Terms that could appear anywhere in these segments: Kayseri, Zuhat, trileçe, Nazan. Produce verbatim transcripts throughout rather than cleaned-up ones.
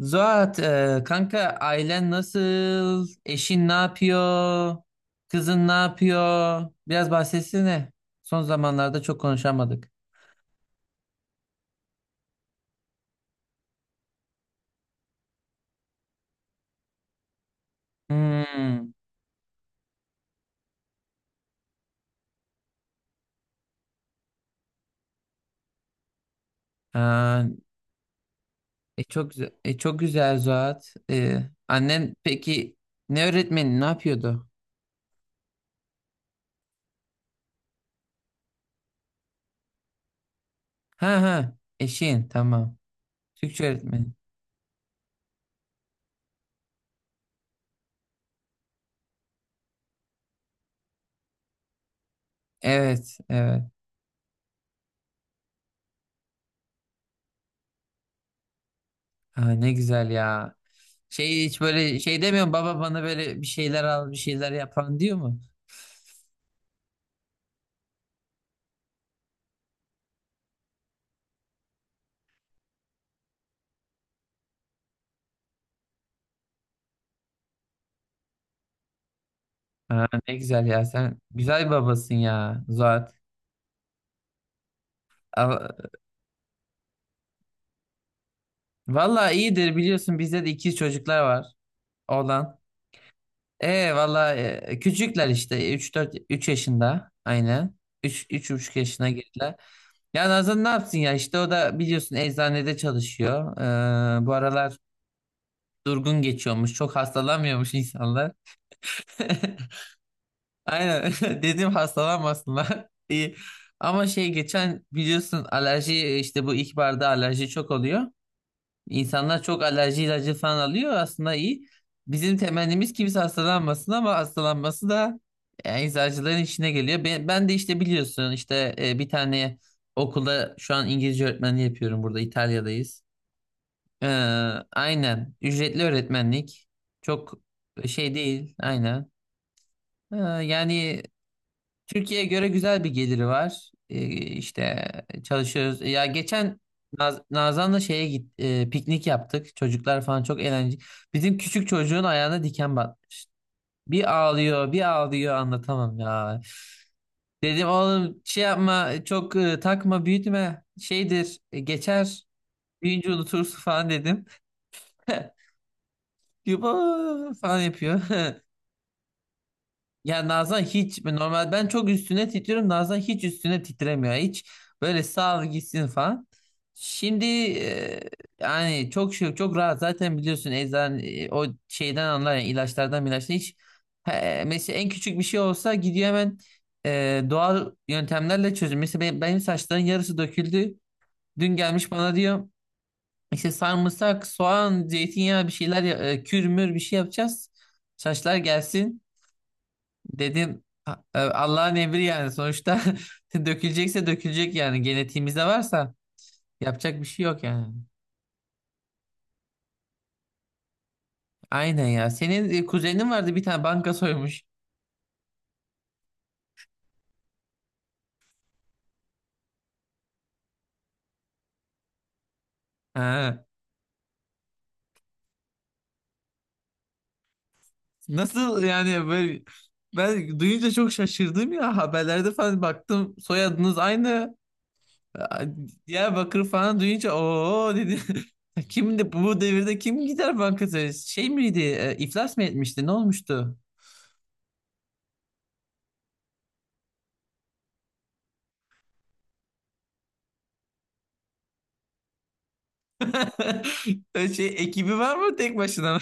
Zuhat, e, kanka ailen nasıl? Eşin ne yapıyor? Kızın ne yapıyor? Biraz bahsetsene. Son zamanlarda çok konuşamadık. Hmm. Ha, e, çok güzel, e, çok güzel Zuhat. E, annen peki ne öğretmeni ne yapıyordu? Ha ha, eşin tamam. Türkçe öğretmeni. Evet evet. Ha, ne güzel ya. Şey, hiç böyle şey demiyor mu? Baba bana böyle bir şeyler al, bir şeyler yapan diyor mu? Ha, ne güzel ya, sen güzel bir babasın ya Zuhat. A- Valla iyidir, biliyorsun bizde de ikiz çocuklar var, oğlan. E valla e, küçükler işte üç dört üç yaşında aynen. Üç üç 3,5 yaşına girdiler. Ya Nazan ne yapsın ya, işte o da biliyorsun eczanede çalışıyor. Ee, bu aralar durgun geçiyormuş. Çok hastalanmıyormuş insanlar. Aynen, dedim hastalanmasınlar. İyi. Ama şey, geçen biliyorsun alerji, işte bu ilkbaharda alerji çok oluyor. İnsanlar çok alerji ilacı falan alıyor, aslında iyi. Bizim temennimiz kimse hastalanmasın, ama hastalanması da yani eczacıların işine geliyor. Ben, ben de işte biliyorsun, işte e, bir tane okulda şu an İngilizce öğretmenliği yapıyorum, burada İtalya'dayız. Ee, aynen ücretli öğretmenlik, çok şey değil aynen. Ee, yani Türkiye'ye göre güzel bir geliri var. Ee, işte çalışıyoruz. Ya geçen Naz Nazan'la şeye git e, piknik yaptık. Çocuklar falan çok eğlenceli. Bizim küçük çocuğun ayağına diken batmış. Bir ağlıyor, bir ağlıyor, anlatamam ya. Dedim oğlum, şey yapma, çok e, takma, büyütme. Şeydir, e, geçer. Büyüyünce unutursun falan dedim. Yuba falan yapıyor. Ya Nazan hiç normal, ben çok üstüne titriyorum. Nazan hiç üstüne titremiyor. Hiç böyle, sağ ol gitsin falan. Şimdi e, yani çok şey, çok rahat zaten biliyorsun, eczan e, o şeyden anlar yani, ilaçlardan ilaçtan hiç he, mesela en küçük bir şey olsa gidiyor hemen e, doğal yöntemlerle çözüm. Mesela benim, benim saçların yarısı döküldü. Dün gelmiş bana diyor işte sarımsak, soğan, zeytinyağı, bir şeyler ya- e, kürmür bir şey yapacağız. Saçlar gelsin. Dedim, "A- e, Allah'ın emri yani sonuçta, dökülecekse dökülecek, yani genetiğimizde varsa yapacak bir şey yok yani." Aynen ya. Senin e, kuzenin vardı bir tane, banka soymuş. Ha. Nasıl yani, böyle ben duyunca çok şaşırdım ya, haberlerde falan baktım, soyadınız aynı. A- Diyarbakır falan duyunca o dedi. Kimdi? Bu devirde kim gider banka soyar? Şey miydi? E, iflas mı etmişti? Ne olmuştu? Şey, ekibi var mı, tek başına?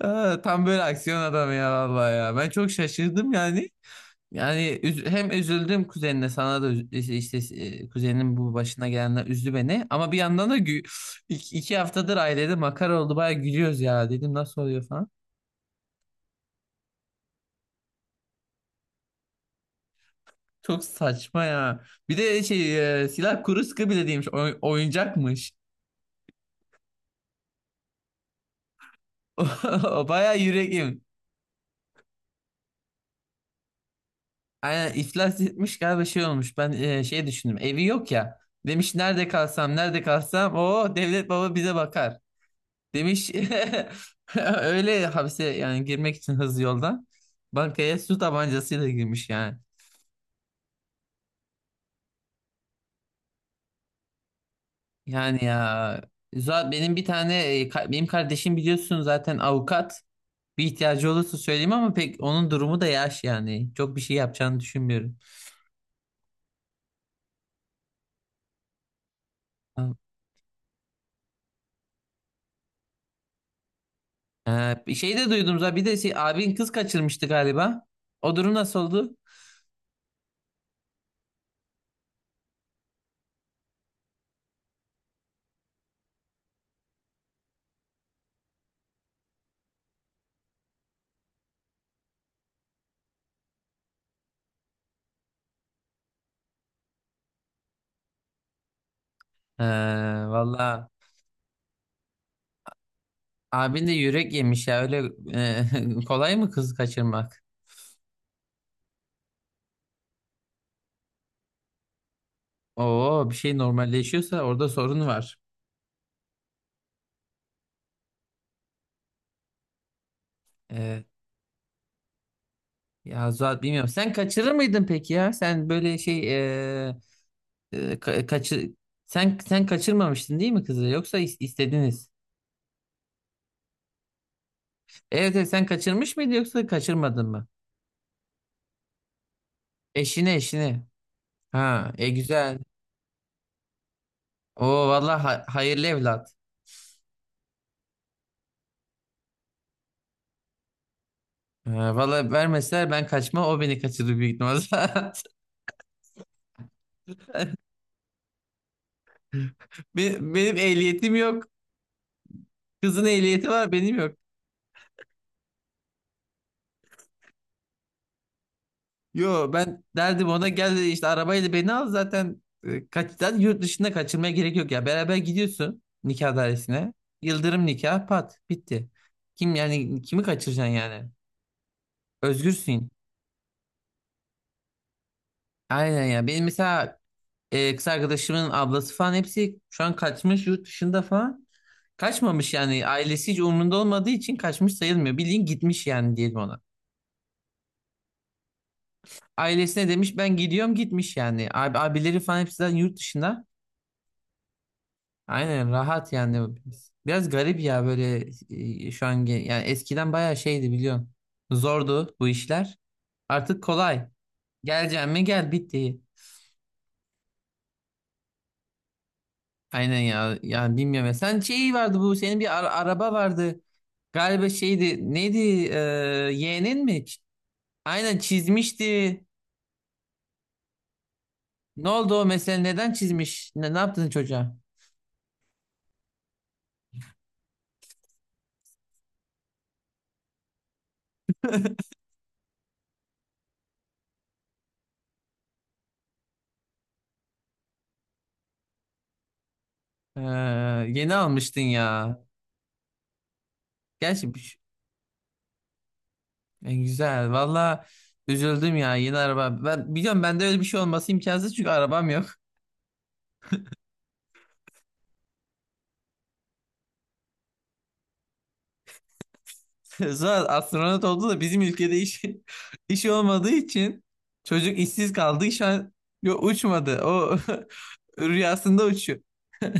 Aa, tam böyle aksiyon adamı ya vallahi ya. Ben çok şaşırdım yani. Yani üz- hem üzüldüm kuzenine, sana da üz- işte işte, e, kuzeninin bu başına gelenler üzdü beni. Ama bir yandan da gü- iki, iki haftadır ailede makara oldu, baya gülüyoruz ya, dedim nasıl oluyor falan. Çok saçma ya. Bir de şey, e, silah kuru sıkı bile değilmiş, oy- oyuncakmış. O baya yüreğim. Aynen, iflas etmiş galiba, şey olmuş. Ben e, şey düşündüm, evi yok ya. Demiş nerede kalsam, nerede kalsam o devlet baba bize bakar. Demiş, öyle hapse, yani girmek için hızlı yoldan bankaya su tabancasıyla girmiş yani. Yani ya, zaten benim bir tane e, ka- benim kardeşim biliyorsun zaten, avukat. Bir ihtiyacı olursa söyleyeyim, ama pek onun durumu da yaş yani. Çok bir şey yapacağını düşünmüyorum. Ha, e, Bir şey de duydum zaten, bir de şey, abin kız kaçırmıştı galiba. O durum nasıl oldu? Ee, valla abin de yürek yemiş ya, öyle e, kolay mı kız kaçırmak? Oo, bir şey normalleşiyorsa orada sorun var. Ee, ya Zuhat, bilmiyorum. Sen kaçırır mıydın peki ya? Sen böyle şey, e, e, ka- kaçı- sen sen kaçırmamıştın değil mi kızı? Yoksa is- istediniz. Evet, evet, sen kaçırmış mıydın, yoksa kaçırmadın mı? Eşini eşini. Ha, e güzel. Oo vallahi, ha- hayırlı evlat. Ha, valla vermeseler ben kaçma, o beni kaçırır büyük ihtimalle. Be- Benim ehliyetim yok. Kızın ehliyeti var, benim yok. Yo, ben derdim ona gel işte arabayla beni al, zaten e, kaç, zaten yurt dışında kaçırmaya gerek yok ya. Beraber gidiyorsun nikah dairesine. Yıldırım nikah, pat, bitti. Kim yani, kimi kaçıracaksın yani? Özgürsün. Aynen ya. Benim mesela e, kız arkadaşımın ablası falan, hepsi şu an kaçmış yurt dışında falan. Kaçmamış yani, ailesi hiç umrunda olmadığı için kaçmış sayılmıyor. Bildiğin gitmiş yani, diyelim ona. Ailesine demiş ben gidiyorum, gitmiş yani. Abi, abileri falan hepsi zaten yurt dışında. Aynen, rahat yani. Biraz garip ya böyle, e, şu an gen- yani eskiden bayağı şeydi biliyorsun. Zordu bu işler. Artık kolay. Geleceğim mi, gel, bitti. Aynen ya. Yani bilmiyorum ya. Sen şey vardı, bu senin bir ara- araba vardı. Galiba şeydi neydi, e, yeğenin mi? Ç- Aynen, çizmişti. Ne oldu o mesela, neden çizmiş? Ne, ne yaptın çocuğa? Ee, yeni almıştın ya. Gerçi E, güzel. Valla üzüldüm ya, yeni araba. Ben biliyorum, bende öyle bir şey olması imkansız çünkü arabam yok. Sonra astronot oldu da bizim ülkede işi, işi olmadığı için çocuk işsiz kaldı. Şu an yo, uçmadı. O rüyasında uçuyor.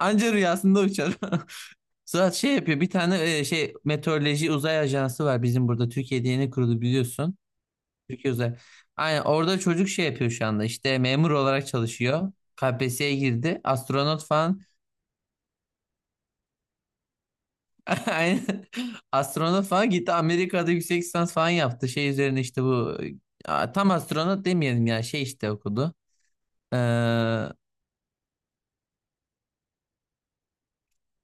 Anca rüyasında uçar. Suat şey yapıyor. Bir tane e, şey, meteoroloji uzay ajansı var bizim burada. Türkiye'de yeni kuruldu, biliyorsun. Çocuk özel. Aynen, orada çocuk şey yapıyor şu anda, işte memur olarak çalışıyor. K P S S'ye girdi. Astronot falan aynen, astronot falan gitti, Amerika'da yüksek lisans falan yaptı. Şey üzerine işte bu. Aa, tam astronot demeyelim ya, şey işte, okudu. Ee,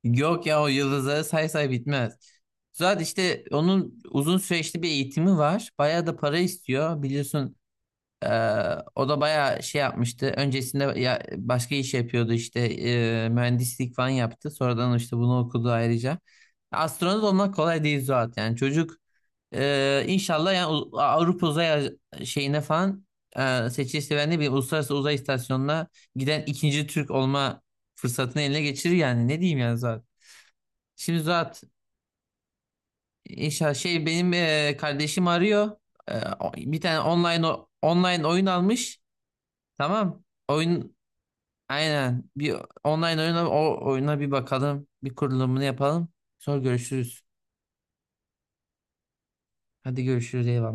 yok ya, o yıldızları say say bitmez. Zaten işte onun uzun süreçli bir eğitimi var. Bayağı da para istiyor, biliyorsun. Ee, o da bayağı şey yapmıştı. Öncesinde ya, başka iş yapıyordu işte, e, mühendislik falan yaptı. Sonradan işte bunu okudu ayrıca. Astronot olmak kolay değil Zuhat, yani çocuk e, inşallah yani, U- Avrupa uzay şeyine falan e, seçilirse, ben de bir uluslararası uzay istasyonuna giden ikinci Türk olma fırsatını eline geçirir, yani ne diyeyim yani Zuhat. Şimdi Zuhat, inşallah şey, benim e, kardeşim arıyor. E, o- bir tane online o- online oyun almış. Tamam. Oyun aynen. Bir online oyuna, o oyuna bir bakalım. Bir kurulumunu yapalım. Sonra görüşürüz. Hadi görüşürüz. Eyvallah.